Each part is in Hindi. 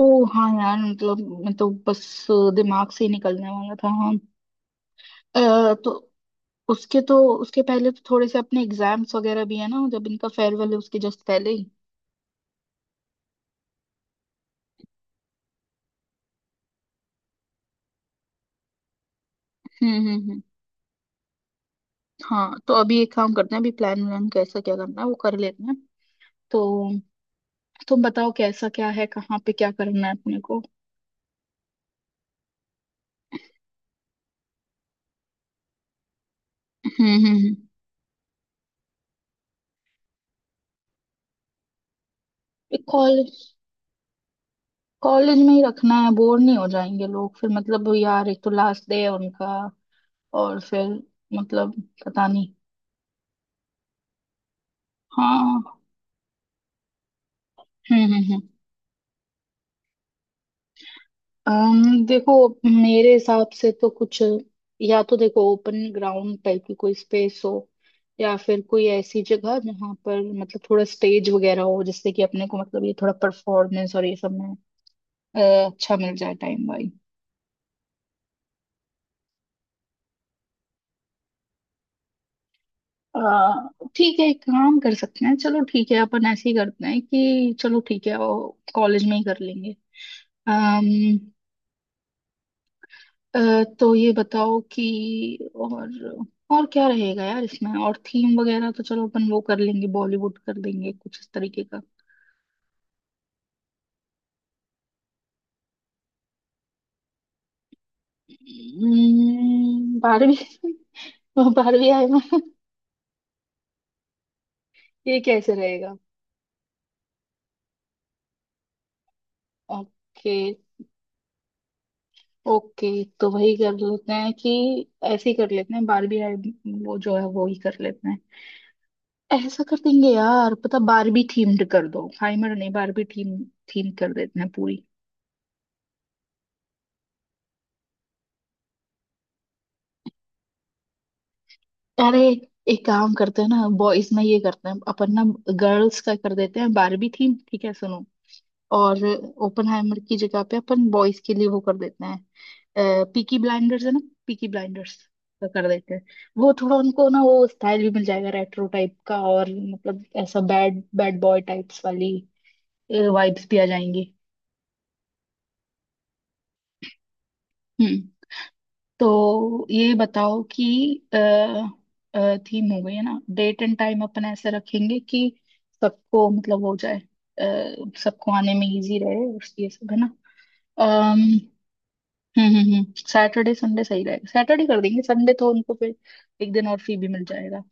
ओ। हाँ यार, मतलब मैं तो बस दिमाग से ही निकलने वाला था। हाँ। तो उसके तो उसके पहले तो थोड़े से अपने एग्जाम्स वगैरह भी है ना, जब इनका फेयरवेल है उसके जस्ट पहले ही। हम्म, हम्म, हम्म। हाँ, तो अभी एक काम करते हैं, अभी प्लान व्लान कैसा क्या करना है वो कर लेते हैं। तो तुम बताओ कैसा क्या है, कहाँ पे क्या करना है अपने को। हम्म, हम्म, हम्म। कॉलेज? कॉलेज में ही रखना है? बोर नहीं हो जाएंगे लोग फिर? मतलब यार, एक तो लास्ट डे है उनका, और फिर मतलब पता नहीं। हाँ। हम्म, हम्म, देखो मेरे हिसाब से तो कुछ, या तो देखो ओपन ग्राउंड टाइप की कोई स्पेस हो, या फिर कोई ऐसी जगह जहाँ पर मतलब थोड़ा स्टेज वगैरह हो, जिससे कि अपने को मतलब ये थोड़ा परफॉर्मेंस और ये सब में अ, अच्छा मिल जाए टाइम भाई। अ, ठीक है, एक काम कर सकते हैं, चलो ठीक है, अपन ऐसे ही करते हैं कि चलो ठीक है कॉलेज में ही कर लेंगे। अ, तो ये बताओ कि और क्या रहेगा यार इसमें, और थीम वगैरह तो चलो अपन वो कर लेंगे, बॉलीवुड कर देंगे कुछ इस तरीके का। बारहवीं। बारहवीं आए ना? ये कैसे रहेगा? ओके। ओके, तो वही कर लेते हैं कि ऐसे ही कर लेते हैं बारहवीं आए, वो जो है वो ही कर लेते हैं। ऐसा कर देंगे यार, पता बारबी थीम्ड कर दो, हाइमर नहीं, बारबी थीम। थीम कर देते हैं पूरी। अरे, एक काम करते हैं ना, बॉयज में ये करते हैं अपन ना। गर्ल्स का कर देते हैं बारबी थीम, ठीक है? सुनो, और ओपनहाइमर की जगह पे अपन बॉयज के लिए वो कर देते हैं, पीकी ब्लाइंडर्स है ना? पीकी ब्लाइंडर्स का कर देते हैं। वो थोड़ा उनको ना वो स्टाइल भी मिल जाएगा रेट्रो टाइप का, और मतलब ऐसा बैड बैड बॉय टाइप्स वाली वाइब्स भी आ जाएंगी। हम्म। तो ये बताओ कि अ, थीम हो गई है ना, डेट एंड टाइम अपन ऐसे रखेंगे कि सबको मतलब हो जाए, सबको आने में इजी रहे और ये सब है ना। अम हम्म, हम्म, हम्म। सैटरडे संडे सही रहेगा, सैटरडे कर देंगे, संडे तो उनको फिर एक दिन और फ्री भी मिल जाएगा,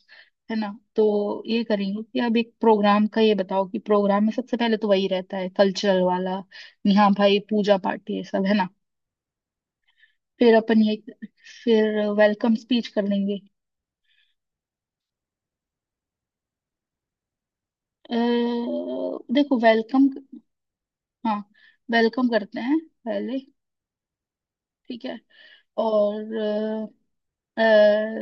है ना? तो ये करेंगे कि अब एक प्रोग्राम का, ये बताओ कि प्रोग्राम में सबसे पहले तो वही रहता है, कल्चरल वाला, यहाँ भाई पूजा पाठ ये सब है ना। फिर अपन ये फिर वेलकम स्पीच कर लेंगे। अ, देखो वेलकम हाँ वेलकम करते हैं पहले, ठीक है। और अ,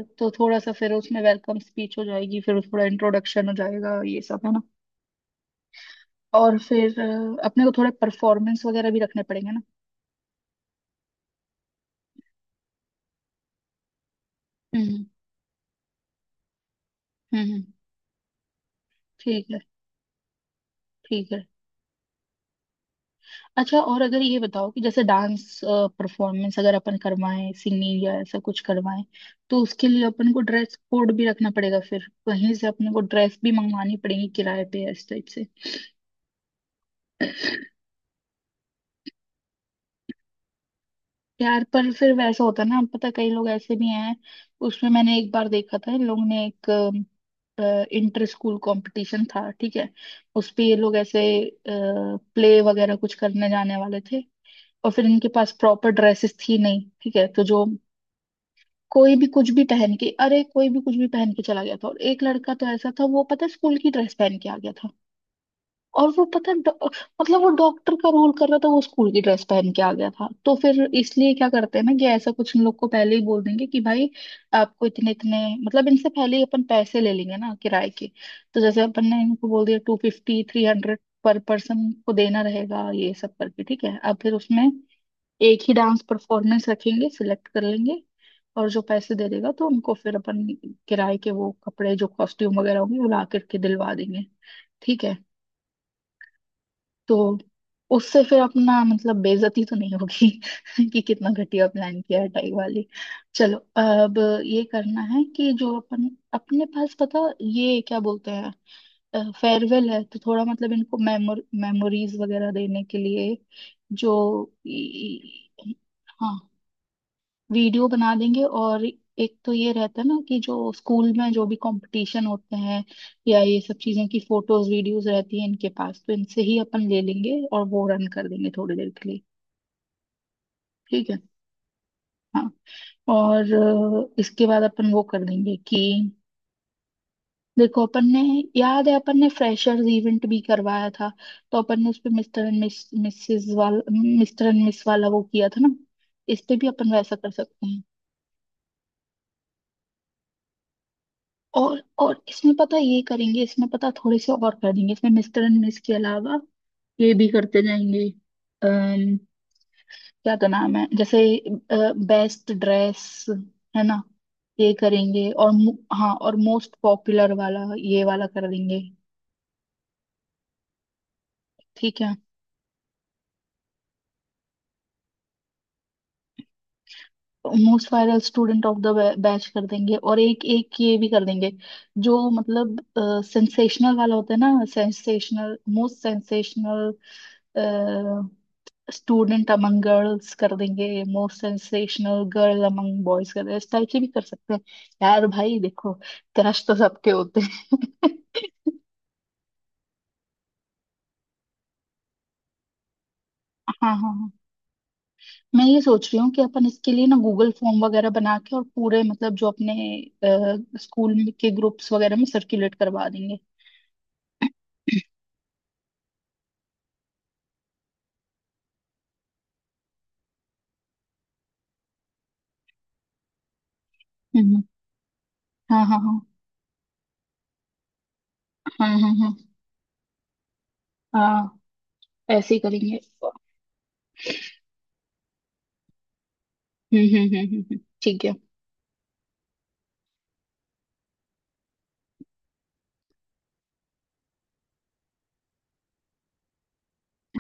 अ, तो थोड़ा सा फिर उसमें वेलकम स्पीच हो जाएगी, फिर थोड़ा इंट्रोडक्शन हो जाएगा ये सब है ना। और फिर अपने को थोड़े परफॉर्मेंस वगैरह भी रखने पड़ेंगे ना। हम्म, हम्म, ठीक है, ठीक है। अच्छा, और अगर ये बताओ कि जैसे डांस परफॉर्मेंस अगर अपन करवाएं, सिंगिंग या ऐसा कुछ करवाएं, तो उसके लिए अपन को ड्रेस कोड भी रखना पड़ेगा, फिर कहीं से अपने को ड्रेस भी मंगवानी पड़ेगी किराए पे इस टाइप से। यार, पर फिर वैसा होता है ना, पता कई लोग ऐसे भी हैं। उसमें मैंने एक बार देखा था, इन लोगों ने एक इंटर स्कूल कंपटीशन था, ठीक है, उस पे ये लोग ऐसे प्ले वगैरह कुछ करने जाने वाले थे, और फिर इनके पास प्रॉपर ड्रेसेस थी नहीं, ठीक है, तो जो कोई भी कुछ भी पहन के अरे कोई भी कुछ भी पहन के चला गया था, और एक लड़का तो ऐसा था, वो पता है स्कूल की ड्रेस पहन के आ गया था। और वो पता है मतलब वो डॉक्टर का रोल कर रहा था, वो स्कूल की ड्रेस पहन के आ गया था। तो फिर इसलिए क्या करते हैं ना कि ऐसा कुछ इन लोग को पहले ही बोल देंगे कि भाई आपको इतने इतने मतलब इनसे पहले ही अपन पैसे ले लेंगे ना किराए के। तो जैसे अपन ने इनको बोल दिया 250-300 पर पर्सन को देना रहेगा ये सब करके, ठीक है। अब फिर उसमें एक ही डांस परफॉर्मेंस रखेंगे, सिलेक्ट कर लेंगे, और जो पैसे दे देगा तो उनको फिर अपन किराए के वो कपड़े जो कॉस्ट्यूम वगैरह होंगे वो ला करके दिलवा देंगे, ठीक है। तो उससे फिर अपना मतलब बेइज्जती तो नहीं होगी कि कितना घटिया प्लान किया है टाई वाली। चलो, अब ये करना है कि जो अपन अपने पास पता ये क्या बोलते हैं, फेयरवेल है तो थोड़ा मतलब इनको मेमोरीज वगैरह देने के लिए, जो, हाँ, वीडियो बना देंगे। और एक तो ये रहता है ना कि जो स्कूल में जो भी कंपटीशन होते हैं या ये सब चीजों की फोटोज वीडियोस रहती है इनके पास, तो इनसे ही अपन ले लेंगे और वो रन कर देंगे थोड़ी देर के लिए। ठीक है, हाँ। और इसके बाद अपन वो कर देंगे कि देखो अपन ने याद है अपन ने फ्रेशर्स इवेंट भी करवाया था, तो अपन ने उस पे मिस्टर एंड मिस वाला वो किया था ना, इस पे भी अपन वैसा कर सकते हैं। और इसमें पता है ये करेंगे, इसमें पता है थोड़े से और करेंगे, इसमें मिस्टर एंड मिस के अलावा ये भी करते जाएंगे। अम्म क्या तो नाम है, जैसे बेस्ट ड्रेस है ना, ये करेंगे और हाँ और मोस्ट पॉपुलर वाला ये वाला कर देंगे, ठीक है। Most viral student of the batch कर देंगे, और एक एक ये भी कर देंगे, जो मतलब सेंसेशनल वाला होता है ना, sensational most sensational student among girls कर देंगे, most sensational girl among boys कर देंगे, इस टाइप से भी कर सकते हैं। यार भाई देखो, क्रश तो सबके होते हैं। हाँ, हाँ, हाँ, मैं ये सोच रही हूँ कि अपन इसके लिए ना गूगल फॉर्म वगैरह बना के और पूरे मतलब जो अपने स्कूल में के ग्रुप्स वगैरह में सर्कुलेट करवा देंगे। हम्म, हाँ, हाँ, हाँ, हाँ, हाँ, हाँ, हाँ, ऐसे ही करेंगे। हम्म, हम्म, हम्म, हम्म, ठीक है।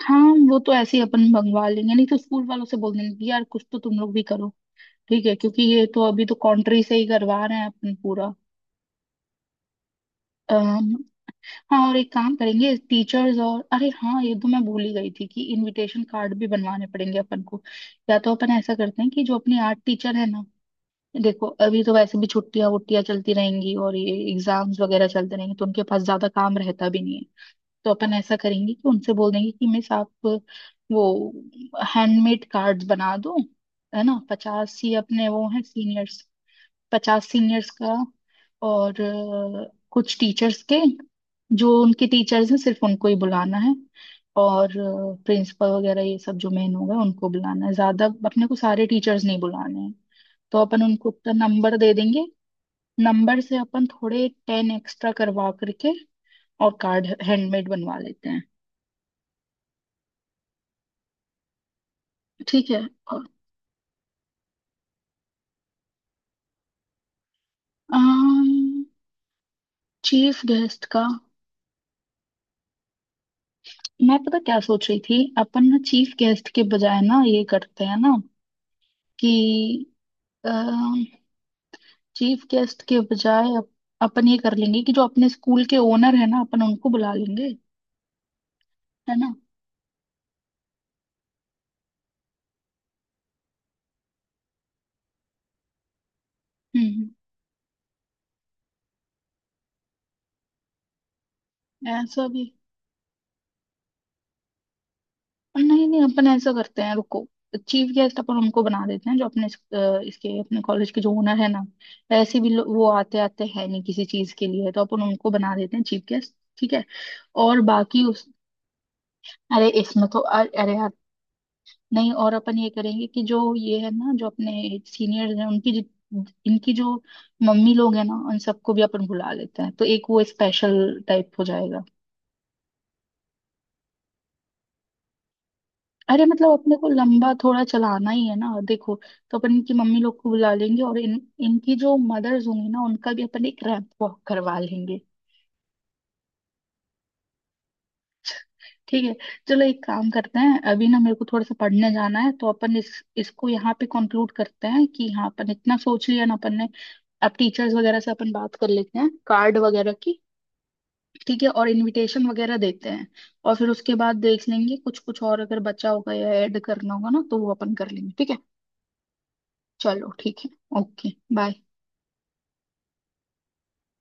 हाँ, वो तो ऐसे ही अपन मंगवा लेंगे, नहीं तो स्कूल वालों से बोल देंगे कि यार कुछ तो तुम लोग भी करो, ठीक है, क्योंकि ये तो अभी तो कंट्री से ही करवा रहे हैं अपन पूरा। अम, हाँ और एक काम करेंगे टीचर्स और, अरे हाँ ये तो मैं भूल ही गई थी कि इनविटेशन कार्ड भी बनवाने पड़ेंगे अपन को। या तो अपन ऐसा करते हैं कि जो अपनी आर्ट टीचर है ना, देखो अभी तो वैसे भी छुट्टियां वुट्टियां चलती रहेंगी और ये एग्जाम्स वगैरह चलते रहेंगे, तो उनके पास ज्यादा काम रहता भी नहीं है। तो अपन ऐसा करेंगे कि उनसे बोल देंगे कि मिस आप वो हैंडमेड कार्ड्स बना दो, है ना? 50 ही अपने वो हैं सीनियर्स, 50 सीनियर्स का। और कुछ टीचर्स के, जो उनके टीचर्स हैं सिर्फ उनको ही बुलाना है, और प्रिंसिपल वगैरह ये सब जो मेन होगा उनको बुलाना है, ज्यादा अपने को सारे टीचर्स नहीं बुलाने हैं। तो अपन उनको उतना नंबर दे देंगे, नंबर से अपन थोड़े 10 एक्स्ट्रा करवा करके और कार्ड हैंडमेड बनवा लेते हैं, ठीक है। और चीफ गेस्ट का मैं पता क्या सोच रही थी, अपन ना चीफ गेस्ट के बजाय ना ये करते हैं ना कि चीफ गेस्ट के बजाय अपन ये कर लेंगे कि जो अपने स्कूल के ओनर है ना अपन उनको बुला लेंगे, है ना। हम्म, ऐसा भी। नहीं, नहीं, अपन ऐसा करते हैं, रुको। चीफ गेस्ट अपन उनको बना देते हैं जो अपने इसके अपने कॉलेज के जो ओनर है ना, ऐसे भी वो आते आते हैं नहीं किसी चीज के लिए, तो अपन उनको बना देते हैं चीफ गेस्ट, ठीक है। और बाकी उस, अरे इसमें तो अरे यार। नहीं, और अपन ये करेंगे कि जो ये है ना जो अपने सीनियर्स हैं, उनकी इनकी जो मम्मी लोग हैं ना उन सबको भी अपन बुला लेते हैं, तो एक वो स्पेशल टाइप हो जाएगा। अरे मतलब अपने को लंबा थोड़ा चलाना ही है ना देखो। तो अपन इनकी मम्मी लोग को बुला लेंगे, और इन इनकी जो मदर्स होंगी ना उनका भी अपन एक रैंप वॉक करवा लेंगे, ठीक है। चलो एक काम करते हैं, अभी ना मेरे को थोड़ा सा पढ़ने जाना है, तो अपन इस इसको यहाँ पे कंक्लूड करते हैं कि हाँ अपन इतना सोच लिया ना अपन ने। अब टीचर्स वगैरह से अपन बात कर लेते हैं कार्ड वगैरह की, ठीक है, और इनविटेशन वगैरह देते हैं। और फिर उसके बाद देख लेंगे, कुछ कुछ और अगर बचा होगा या ऐड करना होगा ना तो वो अपन कर लेंगे, ठीक है। चलो ठीक है। ओके। बाय।